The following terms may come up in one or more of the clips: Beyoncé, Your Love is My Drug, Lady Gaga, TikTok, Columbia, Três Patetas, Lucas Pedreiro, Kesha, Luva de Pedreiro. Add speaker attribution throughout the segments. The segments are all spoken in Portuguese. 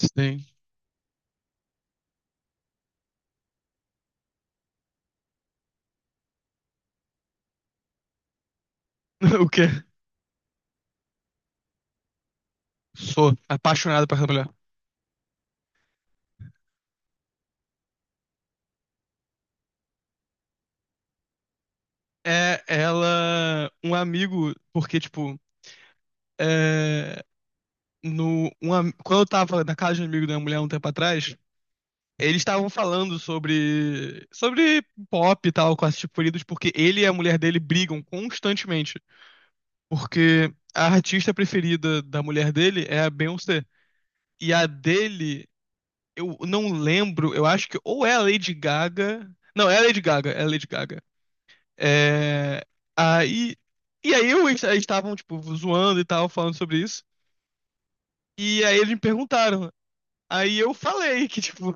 Speaker 1: Sim. O quê? Sou apaixonado por essa mulher. É ela, um amigo, porque, tipo, é, no, um am- quando eu tava na casa de um amigo da minha mulher um tempo atrás, eles estavam falando sobre pop e tal, com esses preferidos, porque ele e a mulher dele brigam constantemente. Porque a artista preferida da mulher dele é a Beyoncé. E a dele, eu não lembro, eu acho que ou é a Lady Gaga. Não, é a Lady Gaga, é a Lady Gaga. É, aí, e aí eu, eles eles estavam, tipo, zoando e tal, falando sobre isso. E aí eles me perguntaram. Aí eu falei que, tipo,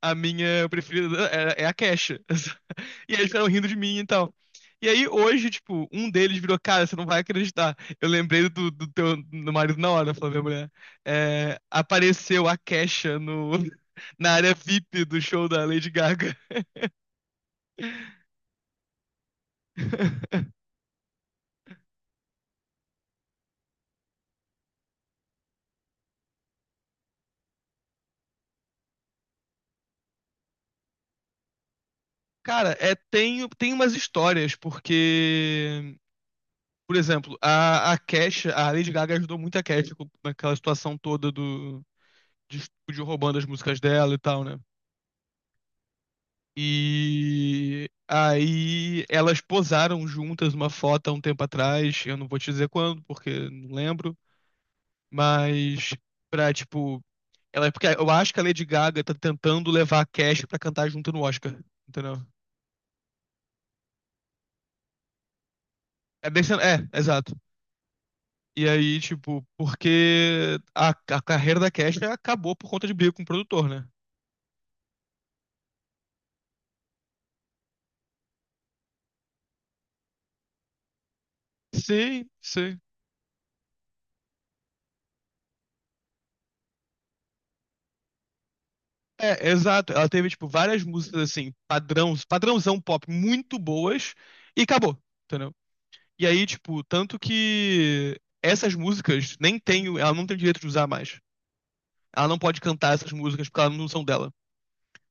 Speaker 1: a minha preferida é a Kesha. E aí eles ficaram rindo de mim e tal. E aí hoje, tipo, um deles virou, cara, você não vai acreditar. Eu lembrei do teu do marido na hora, falou minha mulher. É, apareceu a Kesha no, na área VIP do show da Lady Gaga. Cara, é, tem umas histórias, porque por exemplo, a Kesha, a Lady Gaga ajudou muito a Kesha com- naquela situação toda do, de estúdio roubando as músicas dela e tal, né? E aí elas posaram juntas uma foto há um tempo atrás, eu não vou te dizer quando, porque não lembro, mas pra, tipo, ela, porque eu acho que a Lady Gaga tá tentando levar a Kesha pra cantar junto no Oscar, entendeu? É, desse, é, exato. E aí, tipo, porque a carreira da Kesha acabou por conta de briga com o produtor, né? Sim, sim. É, exato. Ela teve, tipo, várias músicas, assim, padrão, padrãozão pop muito boas e acabou, entendeu? E aí, tipo, tanto que essas músicas nem tem, o ela não tem direito de usar mais. Ela não pode cantar essas músicas porque elas não são dela.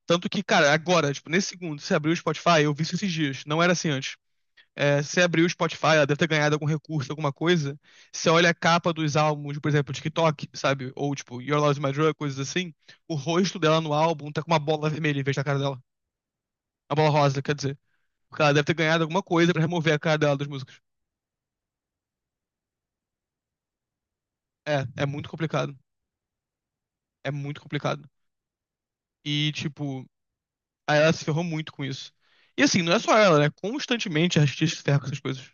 Speaker 1: Tanto que, cara, agora, tipo, nesse segundo, você abriu o Spotify, eu vi isso esses dias. Não era assim antes. É, você abriu o Spotify, ela deve ter ganhado algum recurso, alguma coisa. Você olha a capa dos álbuns, por exemplo, TikTok, sabe? Ou tipo, Your Love is My Drug, coisas assim. O rosto dela no álbum tá com uma bola vermelha em vez da cara dela. Uma bola rosa, quer dizer. Porque ela deve ter ganhado alguma coisa pra remover a cara dela das músicas. É, é muito complicado. É muito complicado. E, tipo, aí ela se ferrou muito com isso. E assim, não é só ela, né? Constantemente a artista se ferra com essas coisas.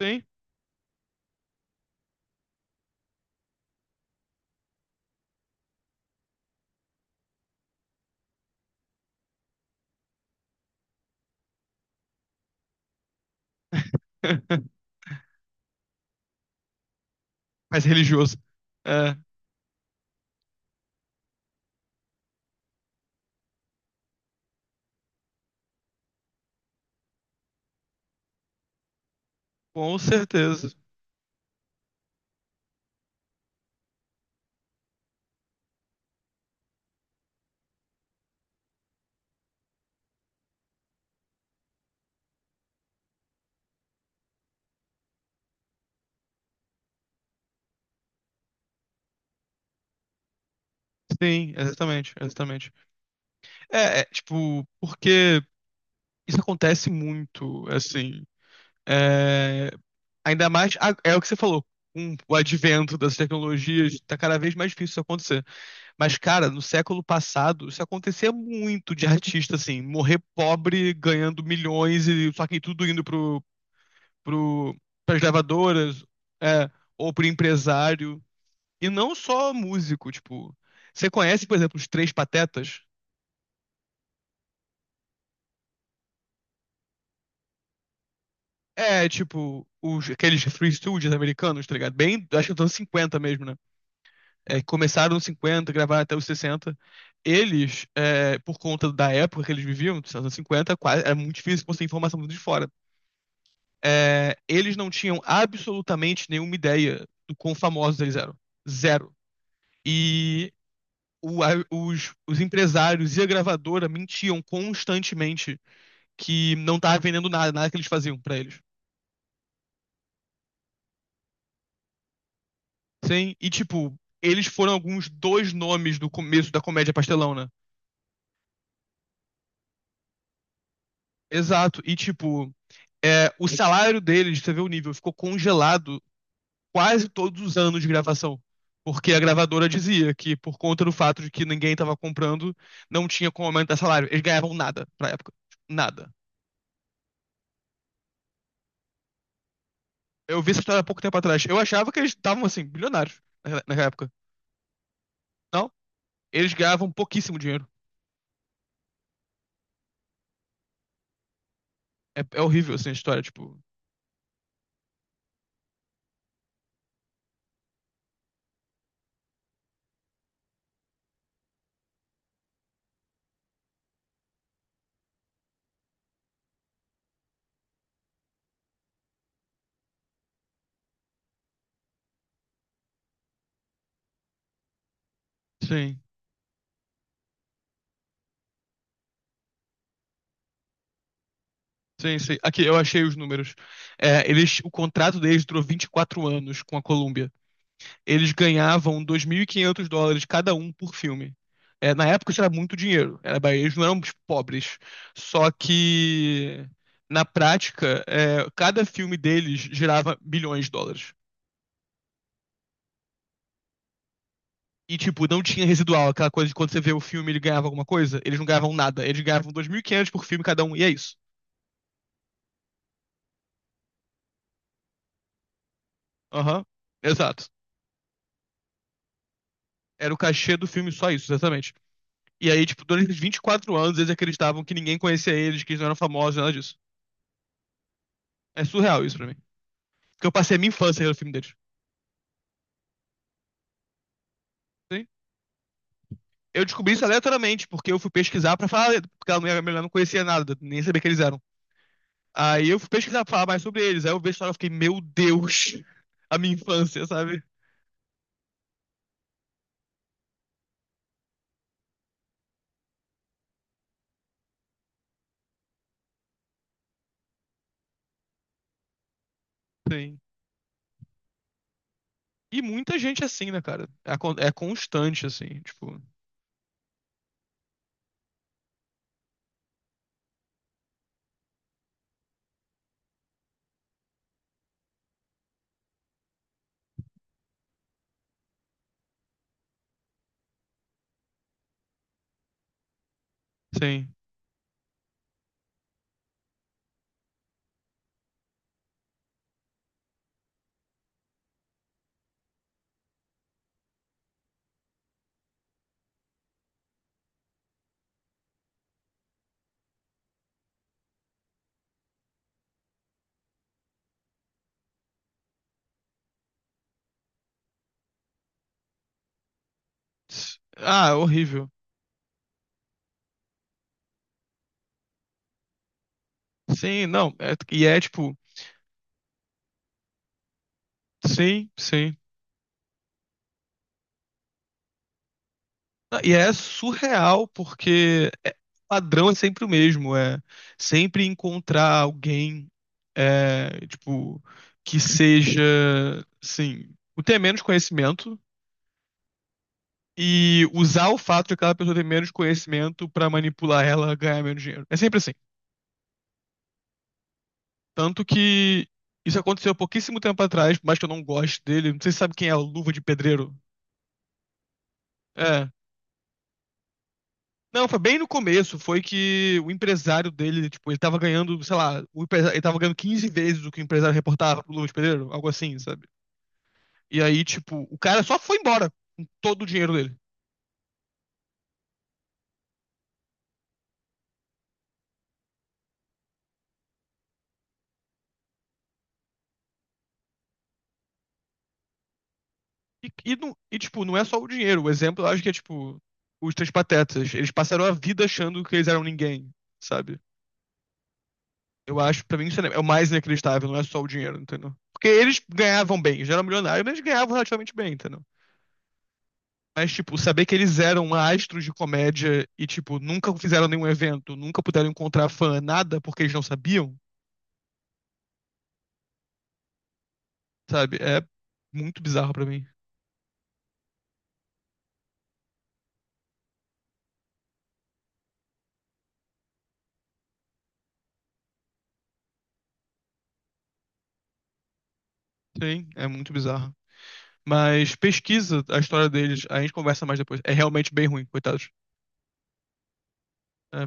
Speaker 1: Sim. Mais religioso. É, com certeza. Sim, exatamente, exatamente. Tipo, porque isso acontece muito, assim. É, ainda mais, é o que você falou, com o advento das tecnologias, tá cada vez mais difícil isso acontecer. Mas, cara, no século passado, isso acontecia muito de artista, assim, morrer pobre, ganhando milhões, e só que tudo indo pro, pras gravadoras, é, ou pro empresário. E não só músico, tipo. Você conhece, por exemplo, os Três Patetas? É, tipo, os, aqueles Free Studios americanos, tá ligado? Bem, acho que estão 50 mesmo, né? É, que começaram nos 50, gravaram até os 60. Eles, é, por conta da época que eles viviam, dos anos 50, quase, era muito difícil conseguir informação de fora. É, eles não tinham absolutamente nenhuma ideia do quão famosos eles eram. Zero. E os empresários e a gravadora mentiam constantemente que não tava vendendo nada, nada que eles faziam pra eles. Sim, e tipo, eles foram alguns dois nomes do começo da comédia pastelão, né? Exato, e tipo, é, o salário deles, você vê o nível, ficou congelado quase todos os anos de gravação. Porque a gravadora dizia que, por conta do fato de que ninguém estava comprando, não tinha como aumentar salário. Eles ganhavam nada pra época. Tipo, nada. Eu vi essa história há pouco tempo atrás. Eu achava que eles estavam, assim, bilionários naquela época. Não, eles ganhavam pouquíssimo dinheiro. É, é horrível, assim, a história, tipo. Sim. Sim, sim. Aqui, eu achei os números. É, o contrato deles durou 24 anos com a Columbia. Eles ganhavam US$ 2.500 cada um por filme. É, na época isso era muito dinheiro. Era, eles não eram tipo, pobres. Só que, na prática, cada filme deles gerava milhões de dólares. E, tipo, não tinha residual, aquela coisa de quando você vê o filme ele ganhava alguma coisa. Eles não ganhavam nada. Eles ganhavam 2.500 por filme cada um, e é isso. Aham, exato. Era o cachê do filme, só isso, exatamente. E aí, tipo, durante os 24 anos eles acreditavam que ninguém conhecia eles, que eles não eram famosos, nada disso. É surreal isso pra mim. Porque eu passei a minha infância no filme deles. Sim. Eu descobri isso aleatoriamente, porque eu fui pesquisar pra falar, porque a minha mulher não conhecia nada, nem sabia que eles eram. Aí eu fui pesquisar pra falar mais sobre eles. Aí eu vi a história e fiquei, meu Deus, a minha infância, sabe? Sim. E muita gente é assim, né, cara? É, é constante, assim, tipo, sim. Ah, horrível. Sim, não. Sim, sim. E é surreal, porque o padrão é sempre o mesmo, é sempre encontrar alguém, é, tipo, que seja, assim, o ter menos conhecimento e usar o fato de aquela pessoa ter menos conhecimento pra manipular ela a ganhar menos dinheiro. É sempre assim. Tanto que isso aconteceu há pouquíssimo tempo atrás, por mais que eu não goste dele, não sei se você sabe quem é o Luva de Pedreiro. É. Não, foi bem no começo, foi que o empresário dele, tipo, ele tava ganhando, sei lá, o empresário, ele tava ganhando 15 vezes o que o empresário reportava pro Lucas Pedreiro, algo assim, sabe? E aí, tipo, o cara só foi embora com todo o dinheiro dele. E, tipo, não é só o dinheiro, o exemplo eu acho que é, tipo, os Três Patetas. Eles passaram a vida achando que eles eram ninguém, sabe? Eu acho, pra mim, isso é o mais inacreditável, não é só o dinheiro, entendeu? Porque eles ganhavam bem, eles já eram milionários, mas eles ganhavam relativamente bem, entendeu? Mas, tipo, saber que eles eram astros de comédia e, tipo, nunca fizeram nenhum evento, nunca puderam encontrar fã, nada, porque eles não sabiam, sabe? É muito bizarro pra mim. Sim, é muito bizarro. Mas pesquisa a história deles, a gente conversa mais depois. É realmente bem ruim, coitados. É,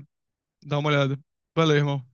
Speaker 1: dá uma olhada. Valeu, irmão.